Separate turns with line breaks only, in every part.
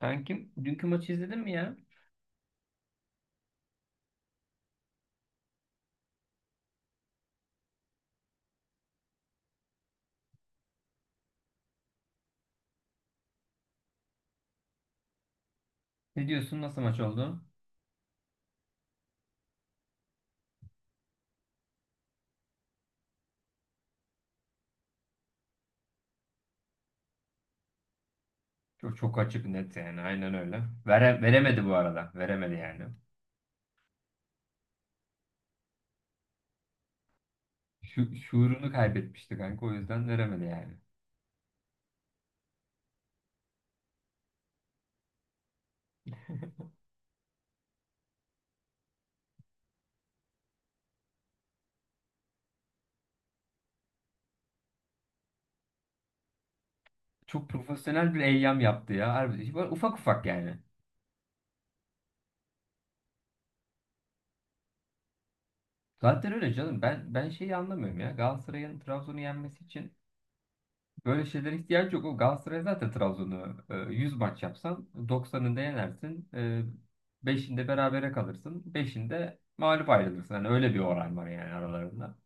Sen kim? Dünkü maçı izledin mi ya? Ne diyorsun? Nasıl maç oldu? Çok, çok açık net yani. Aynen öyle. Veremedi bu arada. Veremedi yani. Şuurunu kaybetmişti kanka. O yüzden veremedi yani. Çok profesyonel bir eyyam yaptı ya. Harbi, böyle ufak ufak yani. Zaten öyle canım. Ben şeyi anlamıyorum ya. Galatasaray'ın Trabzon'u yenmesi için böyle şeylere ihtiyaç yok. O Galatasaray zaten Trabzon'u 100 maç yapsan 90'ında yenersin. 5'inde berabere kalırsın, 5'inde mağlup ayrılırsın. Hani öyle bir oran var yani aralarında.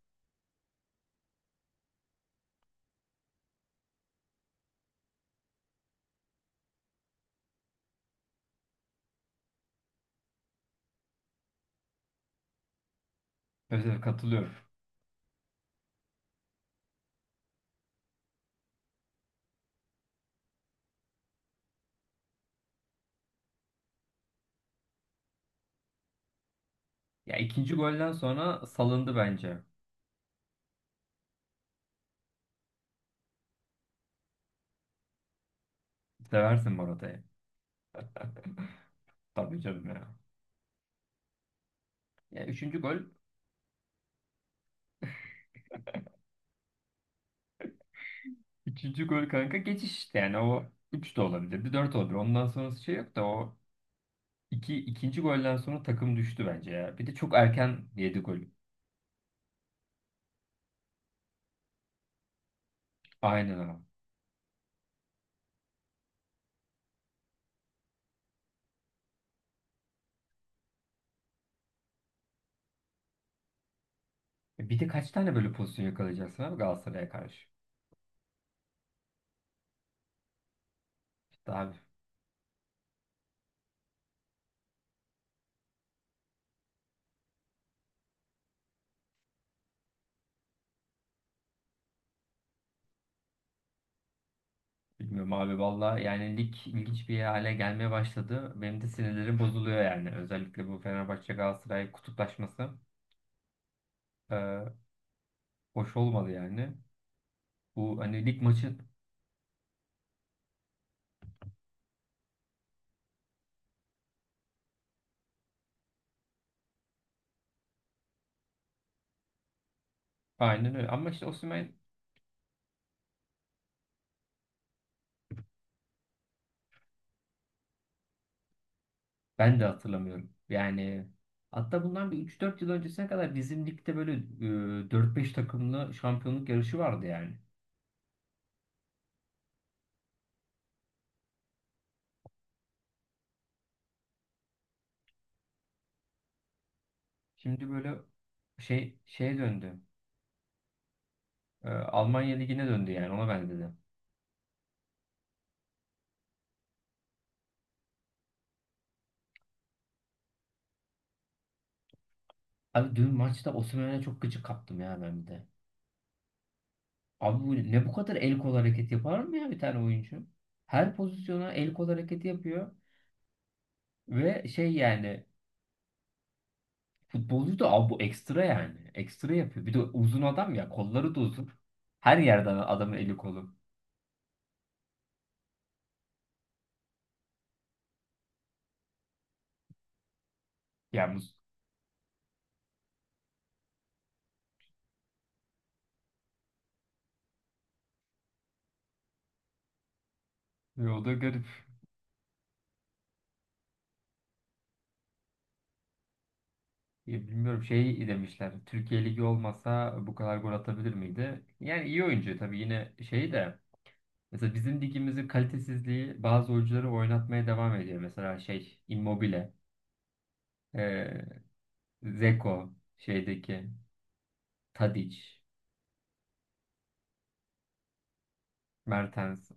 Özellikle katılıyorum. Ya ikinci golden sonra salındı bence. Seversin Morata'yı. Tabii canım ya. Ya üçüncü gol kanka geçiş işte yani o 3 de olabilirdi, 4 olabilir. Ondan sonrası şey yok da o ikinci golden sonra takım düştü bence ya. Bir de çok erken yedi gol. Aynen öyle. Bir de kaç tane böyle pozisyon yakalayacaksın abi Galatasaray'a karşı? İşte abi bilmiyorum abi valla yani lig ilginç bir hale gelmeye başladı. Benim de sinirlerim bozuluyor yani. Özellikle bu Fenerbahçe Galatasaray kutuplaşması e, hoş olmadı yani. Bu hani lig maçı aynen öyle ama işte Osimhen ben de hatırlamıyorum. Yani hatta bundan bir üç dört yıl öncesine kadar bizim ligde böyle 4-5 takımlı şampiyonluk yarışı vardı yani. Şimdi böyle şeye döndü. Almanya Ligi'ne döndü yani ona benzedi. Abi dün maçta Osimhen'e çok gıcık kaptım ya ben bir de. Abi bu ne bu kadar el kol hareketi yapar mı ya bir tane oyuncu? Her pozisyona el kol hareketi yapıyor ve şey yani futbolcu da abi bu ekstra yani. Ekstra yapıyor. Bir de uzun adam ya kolları da uzun. Her yerden adamın eli kolu. Yani o da garip. Ya bilmiyorum şey demişler. Türkiye Ligi olmasa bu kadar gol atabilir miydi? Yani iyi oyuncu tabii yine şey de mesela bizim ligimizin kalitesizliği bazı oyuncuları oynatmaya devam ediyor. Mesela şey Immobile, eee Dzeko, şeydeki Tadic, Mertens.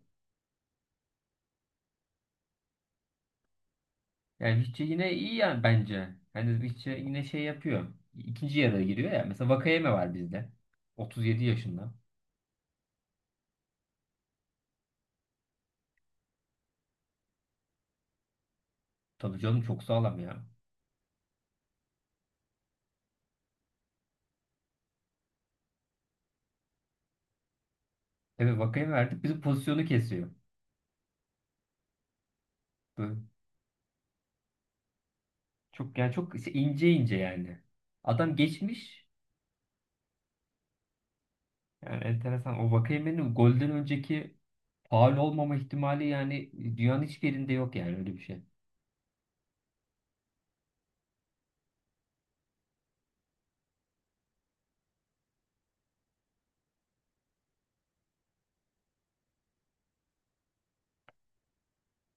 Yani Vici yine iyi yani bence. Hani Vici yine şey yapıyor. İkinci yarıya giriyor ya. Mesela Vakayeme var bizde. 37 yaşında. Tabii canım çok sağlam ya. Evet Vakayeme verdik bizim pozisyonu kesiyor. Böyle çok yani çok işte ince ince yani. Adam geçmiş. Yani enteresan. O Vakayeme'nin golden önceki faul olmama ihtimali yani dünyanın hiçbir yerinde yok yani öyle bir şey.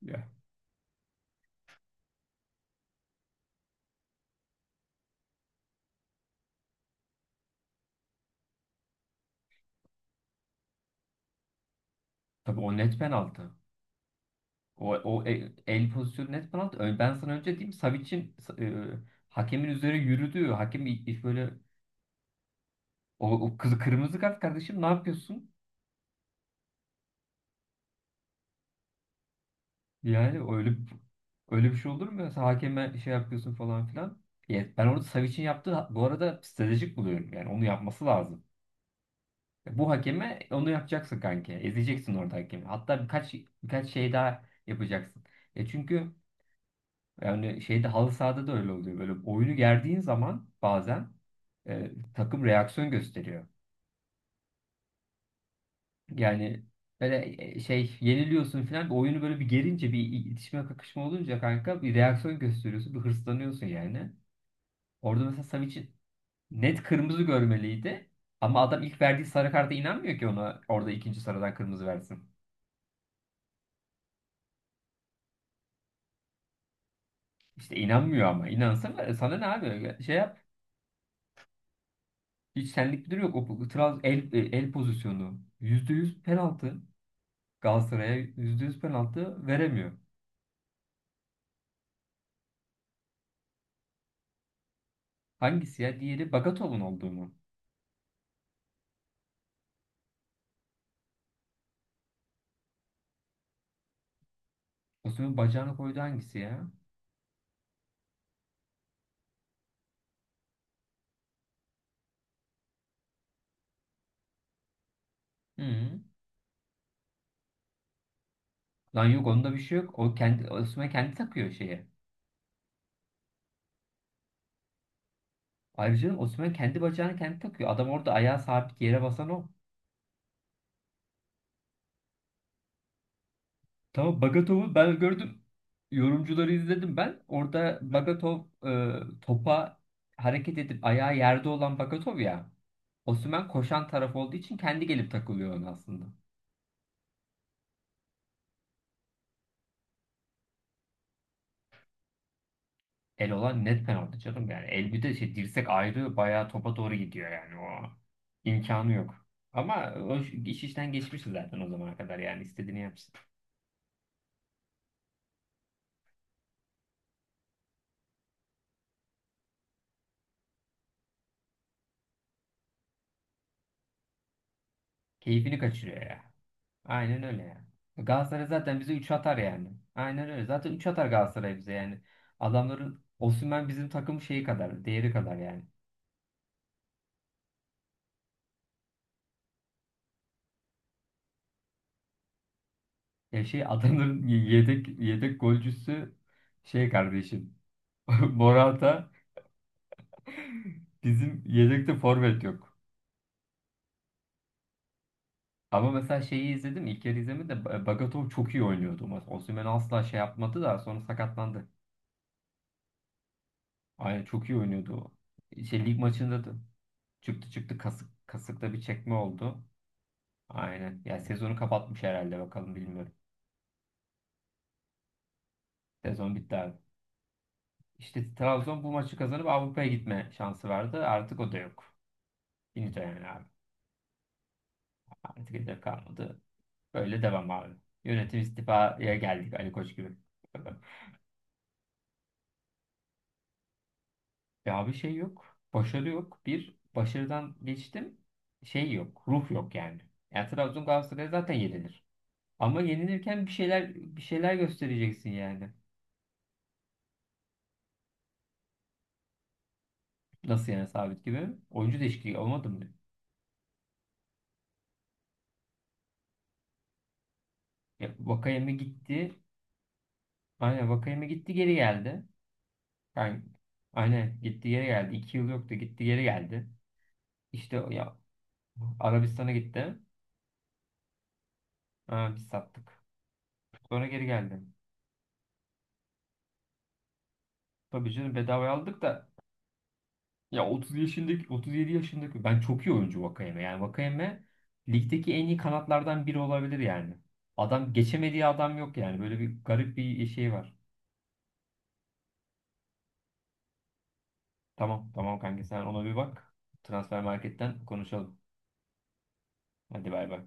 Ya. Tabii o net penaltı. O, el pozisyonu net penaltı. Ben sana önce diyeyim Savic'in hakemin üzerine yürüdüğü, hakem böyle o, o kızı kırmızı kart kardeşim ne yapıyorsun? Yani öyle öyle bir şey olur mu ya? Sen hakeme şey yapıyorsun falan filan. Evet, ben orada Savic'in yaptığı bu arada stratejik buluyorum. Yani onu yapması lazım. Bu hakeme onu yapacaksın kanka. Ezeceksin orada hakemi. Hatta birkaç şey daha yapacaksın. Çünkü yani şeyde halı sahada da öyle oluyor. Böyle oyunu gerdiğin zaman bazen takım reaksiyon gösteriyor. Yani böyle şey yeniliyorsun falan. Bir oyunu böyle bir gerince bir itişme kakışma olunca kanka bir reaksiyon gösteriyorsun. Bir hırslanıyorsun yani. Orada mesela Savic'i net kırmızı görmeliydi. Ama adam ilk verdiği sarı karta inanmıyor ki ona orada ikinci sarıdan kırmızı versin. İşte inanmıyor ama. İnansana sana ne abi? Şey yap. Hiç senlik bir durum yok. O el pozisyonu. Yüzde yüz penaltı. Galatasaray'a %100 penaltı veremiyor. Hangisi ya? Diğeri Bagatov'un olduğu mu? Osimhen bacağını koydu hangisi ya? Hı. Lan yok onda bir şey yok. O kendi Osimhen kendi takıyor şeye. Ayrıca Osimhen kendi bacağını kendi takıyor. Adam orada ayağı sabit yere basan o. Tamam Bagatov'u ben gördüm. Yorumcuları izledim ben. Orada Bagatov e, topa hareket edip ayağı yerde olan Bagatov ya. Osimhen koşan taraf olduğu için kendi gelip takılıyor ona aslında. El olan net penaltı canım yani. El bir de şey dirsek ayrı bayağı topa doğru gidiyor yani o. imkanı yok. Ama o iş işten geçmişti zaten o zamana kadar yani istediğini yapsın. Keyfini kaçırıyor ya. Aynen öyle ya. Galatasaray zaten bize 3 atar yani. Aynen öyle. Zaten 3 atar Galatasaray bize yani. Adamların Osimhen bizim takım şeyi kadar, değeri kadar yani. Ya şey adamların yedek golcüsü şey kardeşim Morata bizim yedekte forvet yok. Ama mesela şeyi izledim. İlk yarı izlemedim de Bagatov çok iyi oynuyordu. Osimhen asla şey yapmadı da sonra sakatlandı. Aynen çok iyi oynuyordu o. Şey lig maçında da çıktı çıktı kasıkta bir çekme oldu. Aynen. Ya sezonu kapatmış herhalde bakalım bilmiyorum. Sezon bitti abi. İşte Trabzon bu maçı kazanıp Avrupa'ya gitme şansı vardı. Artık o da yok. Finito yani abi. Artık hedef kalmadı. Böyle devam abi. Yönetim istifaya geldik Ali Koç gibi. Ya abi şey yok. Başarı yok. Bir başarıdan geçtim. Şey yok. Ruh yok yani. Yani Trabzon Galatasaray zaten yenilir. Ama yenilirken bir şeyler bir şeyler göstereceksin yani. Nasıl yani sabit gibi? Oyuncu değişikliği olmadı mı? Ya, Vakayeme gitti. Aynen Vakayeme gitti geri geldi. Yani, aynen gitti geri geldi. 2 yıl yoktu gitti geri geldi. İşte o ya Arabistan'a gitti. Ha, biz sattık. Sonra geri geldi. Tabii canım bedavaya aldık da ya 30 yaşındaki 37 yaşındaki ben çok iyi oyuncu Vakayeme. Yani Vakayeme ligdeki en iyi kanatlardan biri olabilir yani. Adam geçemediği adam yok yani. Böyle bir garip bir şey var. Tamam, tamam, kanka sen ona bir bak. Transfer marketten konuşalım. Hadi bay bay.